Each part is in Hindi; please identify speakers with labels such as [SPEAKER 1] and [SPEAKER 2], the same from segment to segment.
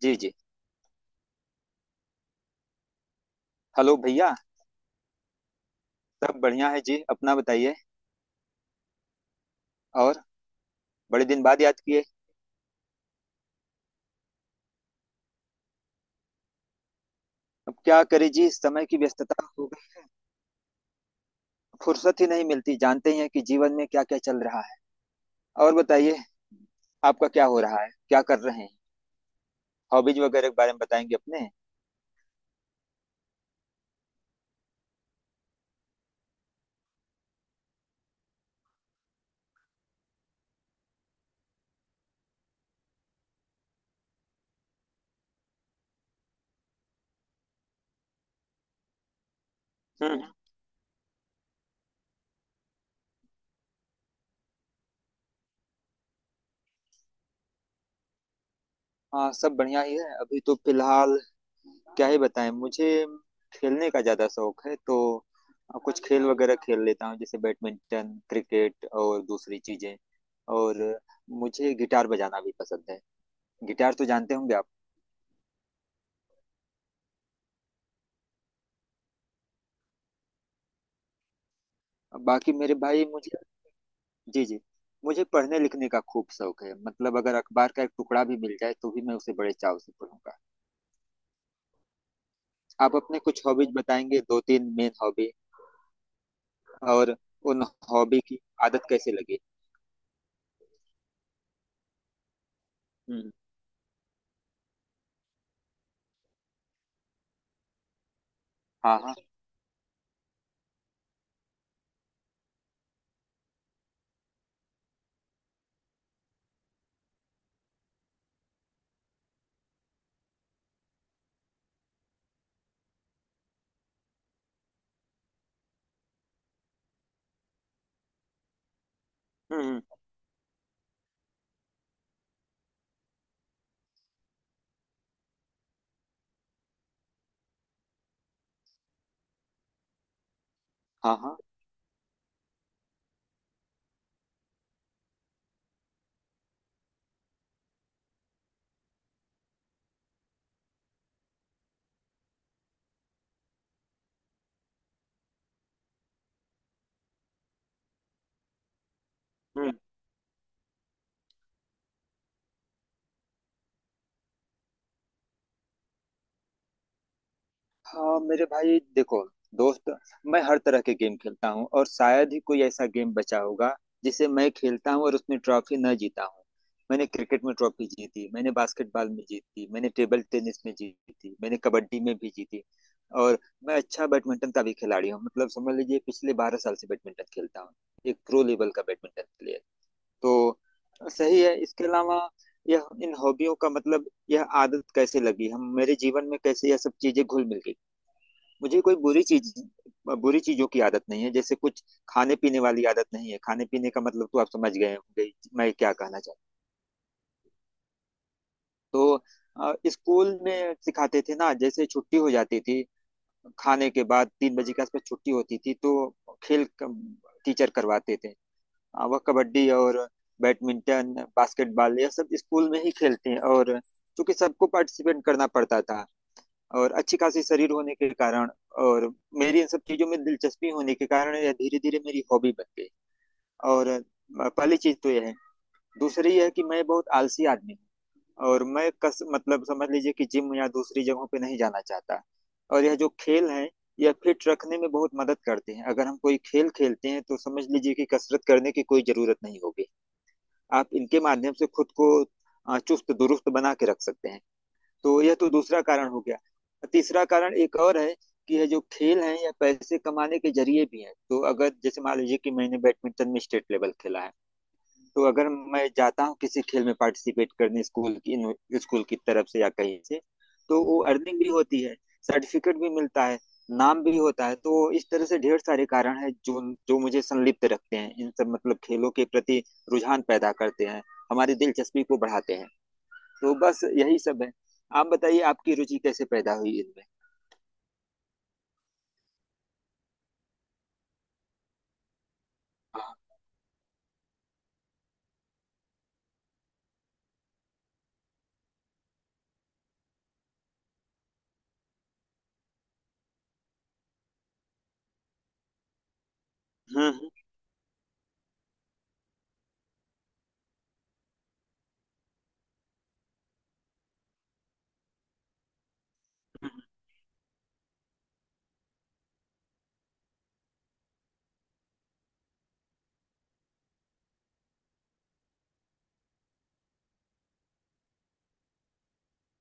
[SPEAKER 1] जी जी। हेलो भैया। सब बढ़िया है जी, अपना बताइए। और बड़े दिन बाद याद किए। अब क्या करें जी, समय की व्यस्तता हो गई। फुर्सत ही नहीं मिलती, जानते ही हैं कि जीवन में क्या क्या चल रहा है। और बताइए, आपका क्या हो रहा है, क्या कर रहे हैं? हॉबीज वगैरह के बारे में बताएंगे अपने? हम्म। हाँ, सब बढ़िया ही है अभी तो फिलहाल। क्या ही बताएं। मुझे खेलने का ज्यादा शौक है, तो कुछ खेल वगैरह खेल लेता हूँ, जैसे बैडमिंटन, क्रिकेट और दूसरी चीजें। और मुझे गिटार बजाना भी पसंद है। गिटार तो जानते होंगे आप। बाकी मेरे भाई मुझे। जी जी। मुझे पढ़ने लिखने का खूब शौक है, मतलब अगर अखबार का एक टुकड़ा भी मिल जाए तो भी मैं उसे बड़े चाव से पढ़ूंगा। आप अपने कुछ हॉबीज बताएंगे, दो तीन मेन हॉबी? और उन हॉबी की आदत कैसे लगी? हम्म। हाँ हाँ। हम्म। हाँ हाँ। हम्म। हाँ मेरे भाई, देखो दोस्त, मैं हर तरह के गेम खेलता हूँ और शायद ही कोई ऐसा गेम बचा होगा जिसे मैं खेलता हूँ और उसमें ट्रॉफी न जीता हूँ। मैंने क्रिकेट में ट्रॉफी जीती, मैंने बास्केटबॉल में जीती, मैंने टेबल टेनिस में जीती, मैंने कबड्डी में भी जीती। और मैं अच्छा बैडमिंटन का भी खिलाड़ी हूँ, मतलब समझ लीजिए पिछले 12 साल से बैडमिंटन खेलता हूँ। एक प्रो लेवल का बैडमिंटन प्लेयर। तो सही है। इसके अलावा यह इन हॉबियों का मतलब, यह आदत कैसे लगी, हम मेरे जीवन में कैसे यह सब चीजें घुल मिल गई। मुझे कोई बुरी चीज, बुरी चीजों की आदत नहीं है, जैसे कुछ खाने पीने वाली आदत नहीं है। खाने पीने का मतलब तो आप समझ गए होंगे मैं क्या कहना चाहता हूं। तो स्कूल में सिखाते थे ना, जैसे छुट्टी हो जाती थी, खाने के बाद 3 बजे के आसपास छुट्टी होती थी, तो खेल टीचर करवाते थे, वह कबड्डी और बैडमिंटन, बास्केटबॉल, यह सब स्कूल में ही खेलते हैं। और चूंकि सबको पार्टिसिपेट करना पड़ता था और अच्छी खासी शरीर होने के कारण और मेरी इन सब चीजों में दिलचस्पी होने के कारण यह धीरे धीरे मेरी हॉबी बन गई। और पहली चीज तो यह है। दूसरी यह है कि मैं बहुत आलसी आदमी हूँ और मैं कस मतलब समझ लीजिए कि जिम या दूसरी जगहों पे नहीं जाना चाहता। और यह जो खेल है, यह फिट रखने में बहुत मदद करते हैं। अगर हम कोई खेल खेलते हैं तो समझ लीजिए कि कसरत करने की कोई जरूरत नहीं होगी। आप इनके माध्यम से खुद को चुस्त दुरुस्त बना के रख सकते हैं। तो यह तो दूसरा कारण हो गया। तीसरा कारण एक और है, कि यह जो खेल है, यह पैसे कमाने के जरिए भी है। तो अगर जैसे मान लीजिए कि मैंने बैडमिंटन में स्टेट लेवल खेला है, तो अगर मैं जाता हूँ किसी खेल में पार्टिसिपेट करने स्कूल की तरफ से या कहीं से, तो वो अर्निंग भी होती है, सर्टिफिकेट भी मिलता है, नाम भी होता है। तो इस तरह से ढेर सारे कारण है, जो जो मुझे संलिप्त रखते हैं इन सब मतलब खेलों के प्रति, रुझान पैदा करते हैं, हमारी दिलचस्पी को बढ़ाते हैं। तो बस यही सब है। आप बताइए, आपकी रुचि कैसे पैदा हुई इनमें? हाँ। हम्म। हम्म।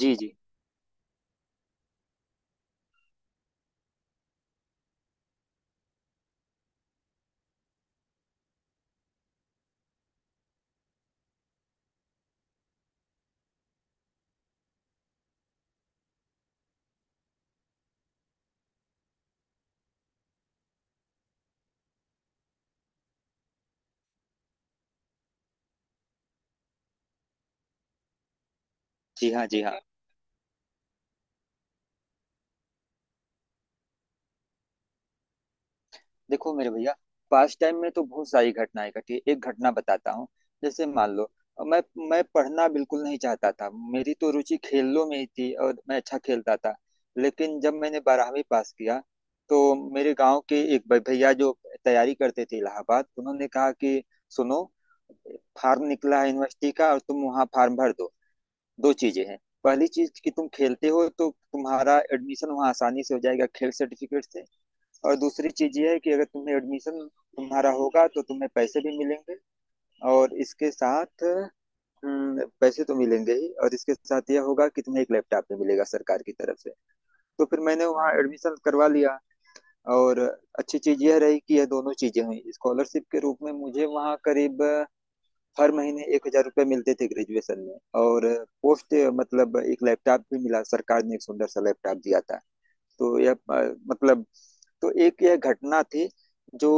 [SPEAKER 1] जी जी। जी हाँ, जी हाँ। देखो मेरे भैया, पास्ट टाइम में तो बहुत सारी घटनाएं घटी है। एक घटना बताता हूँ। जैसे मान लो, मैं मैं पढ़ना बिल्कुल नहीं चाहता था, मेरी तो रुचि खेलों में ही थी और मैं अच्छा खेलता था। लेकिन जब मैंने 12वीं पास किया तो मेरे गांव के एक भैया जो तैयारी करते थे इलाहाबाद, उन्होंने कहा कि सुनो, फार्म निकला है यूनिवर्सिटी का और तुम वहाँ फार्म भर दो। दो चीजें हैं। पहली चीज कि तुम खेलते हो तो तुम्हारा एडमिशन वहाँ आसानी से हो जाएगा खेल सर्टिफिकेट से। और दूसरी चीज ये है कि अगर तुम्हें एडमिशन, तुम्हारा होगा तो तुम्हें पैसे भी मिलेंगे, और इसके साथ, पैसे तो मिलेंगे ही, और इसके साथ यह होगा कि तुम्हें एक लैपटॉप भी मिलेगा सरकार की तरफ से। तो फिर मैंने वहाँ एडमिशन करवा लिया। और अच्छी चीज यह रही कि यह दोनों चीजें हुई, स्कॉलरशिप के रूप में मुझे वहाँ करीब हर महीने 1,000 रुपये मिलते थे ग्रेजुएशन में। और पोस्ट मतलब एक लैपटॉप भी मिला, सरकार ने एक सुंदर सा लैपटॉप दिया था। तो यह मतलब, तो एक यह घटना थी, जो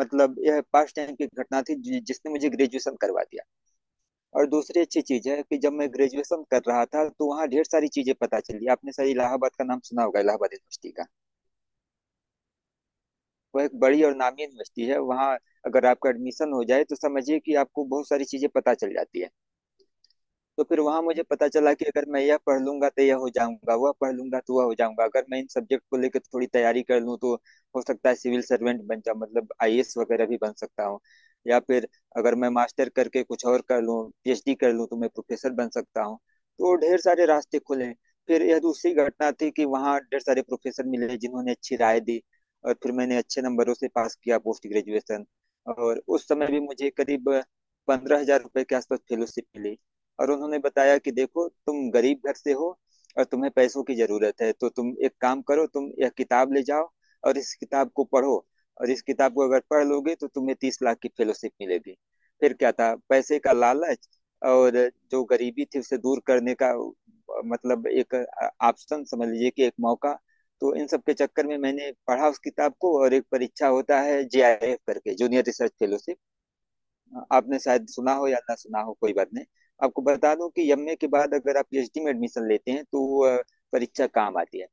[SPEAKER 1] मतलब यह पास्ट टाइम की घटना थी जिसने मुझे ग्रेजुएशन करवा दिया। और दूसरी अच्छी चीज है कि जब मैं ग्रेजुएशन कर रहा था तो वहाँ ढेर सारी चीजें पता चली। आपने शायद इलाहाबाद का नाम सुना होगा, इलाहाबाद यूनिवर्सिटी का। वह एक बड़ी और नामी यूनिवर्सिटी है। वहाँ अगर आपका एडमिशन हो जाए तो समझिए कि आपको बहुत सारी चीजें पता चल जाती है। तो फिर वहां मुझे पता चला कि अगर मैं यह पढ़ लूंगा तो यह हो जाऊंगा, वह पढ़ लूंगा तो वह हो जाऊंगा। अगर मैं इन सब्जेक्ट को लेकर थोड़ी तैयारी कर लूँ तो हो सकता है सिविल सर्वेंट बन जाऊं, मतलब आईएएस वगैरह भी बन सकता हूँ। या फिर अगर मैं मास्टर करके कुछ और कर लूँ, पीएचडी कर लूँ, तो मैं प्रोफेसर बन सकता हूँ। तो ढेर सारे रास्ते खुले। फिर यह दूसरी घटना थी कि वहाँ ढेर सारे प्रोफेसर मिले जिन्होंने अच्छी राय दी। और फिर मैंने अच्छे नंबरों से पास किया पोस्ट ग्रेजुएशन। और उस समय भी मुझे करीब 15,000 रुपये के आसपास फेलोशिप मिली। और उन्होंने बताया कि देखो, तुम गरीब घर से हो और तुम्हें पैसों की जरूरत है, तो तुम एक काम करो, तुम यह किताब ले जाओ और इस किताब को पढ़ो। और इस किताब को अगर पढ़ लोगे तो तुम्हें 30 लाख की फेलोशिप मिलेगी। फिर क्या था, पैसे का लालच और जो गरीबी थी उसे दूर करने का, मतलब एक ऑप्शन समझ लीजिए, कि एक मौका। तो इन सब के चक्कर में मैंने पढ़ा उस किताब को। और एक परीक्षा होता है जेआईएफ करके, जूनियर रिसर्च फेलोशिप। आपने शायद सुना हो या ना सुना हो, कोई बात नहीं। आपको बता दूं कि एमए के बाद अगर आप पीएचडी में एडमिशन लेते हैं तो वो, परीक्षा काम आती है।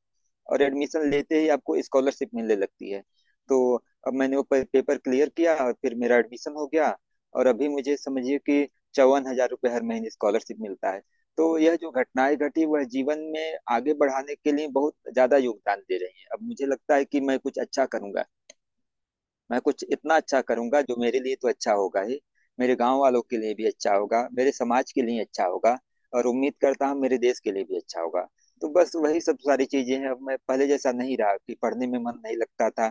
[SPEAKER 1] और एडमिशन लेते ही आपको स्कॉलरशिप मिलने लगती है। तो अब मैंने वो पेपर क्लियर किया और फिर मेरा एडमिशन हो गया। और अभी मुझे समझिए कि 54,000 रुपये हर महीने स्कॉलरशिप मिलता है। तो यह जो घटनाएं घटी वह जीवन में आगे बढ़ाने के लिए बहुत ज्यादा योगदान दे रही हैं। अब मुझे लगता है कि मैं कुछ अच्छा करूंगा। मैं कुछ इतना अच्छा करूंगा जो मेरे लिए तो अच्छा होगा ही, मेरे गांव वालों के लिए भी अच्छा होगा, मेरे समाज के लिए अच्छा होगा, और उम्मीद करता हूँ मेरे देश के लिए भी अच्छा होगा। तो बस वही सब सारी चीजें हैं। अब मैं पहले जैसा नहीं रहा कि पढ़ने में मन नहीं लगता था,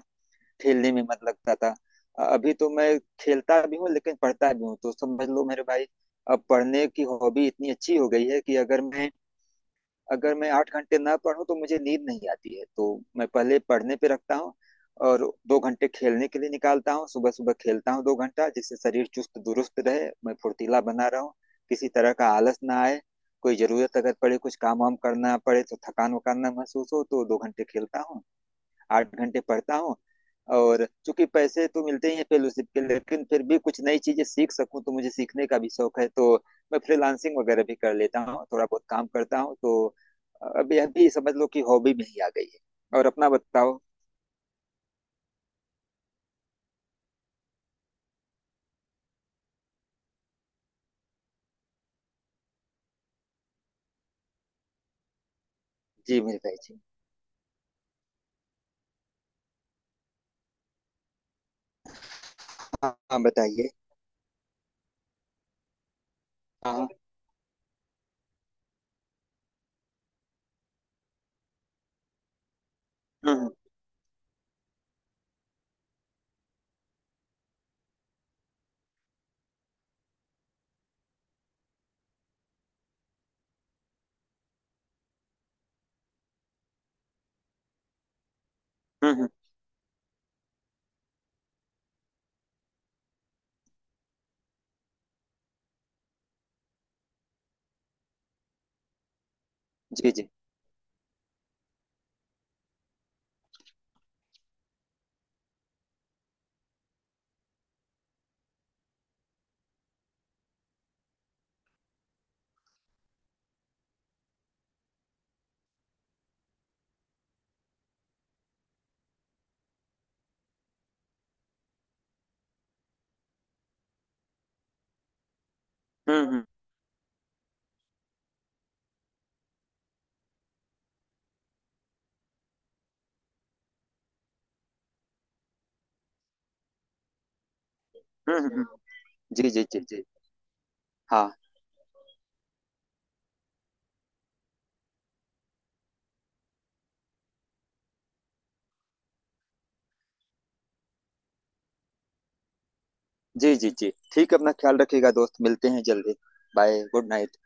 [SPEAKER 1] खेलने में मन लगता था। अभी तो मैं खेलता भी हूँ लेकिन पढ़ता भी हूँ। तो समझ लो मेरे भाई, अब पढ़ने की हॉबी इतनी अच्छी हो गई है कि अगर मैं 8 घंटे ना पढूं तो मुझे नींद नहीं आती है। तो मैं पहले पढ़ने पे रखता हूँ, और 2 घंटे खेलने के लिए निकालता हूँ। सुबह सुबह खेलता हूँ 2 घंटा, जिससे शरीर चुस्त दुरुस्त रहे, मैं फुर्तीला बना रहूं, किसी तरह का आलस ना आए। कोई जरूरत अगर पड़े, कुछ काम वाम करना पड़े, तो थकान वकान ना महसूस हो। तो 2 घंटे खेलता हूँ, 8 घंटे पढ़ता हूँ। और चूंकि पैसे तो मिलते ही हैं फेलोशिप के, लेकिन फिर भी कुछ नई चीजें सीख सकूं, तो मुझे सीखने का भी शौक है। तो मैं फ्रीलांसिंग वगैरह भी कर लेता हूँ, थोड़ा बहुत काम करता हूँ। तो अब यह भी समझ लो कि हॉबी में ही आ गई है। और अपना बताओ। जी मेरे भाई जी। हाँ हाँ, बताइए। हाँ हाँ। हम्म हम्म। जी जी। हम्म। हम्म। जी जी जी जी। हाँ। जी। जी जी ठीक है, अपना ख्याल रखिएगा दोस्त, मिलते हैं जल्दी। बाय। Good night.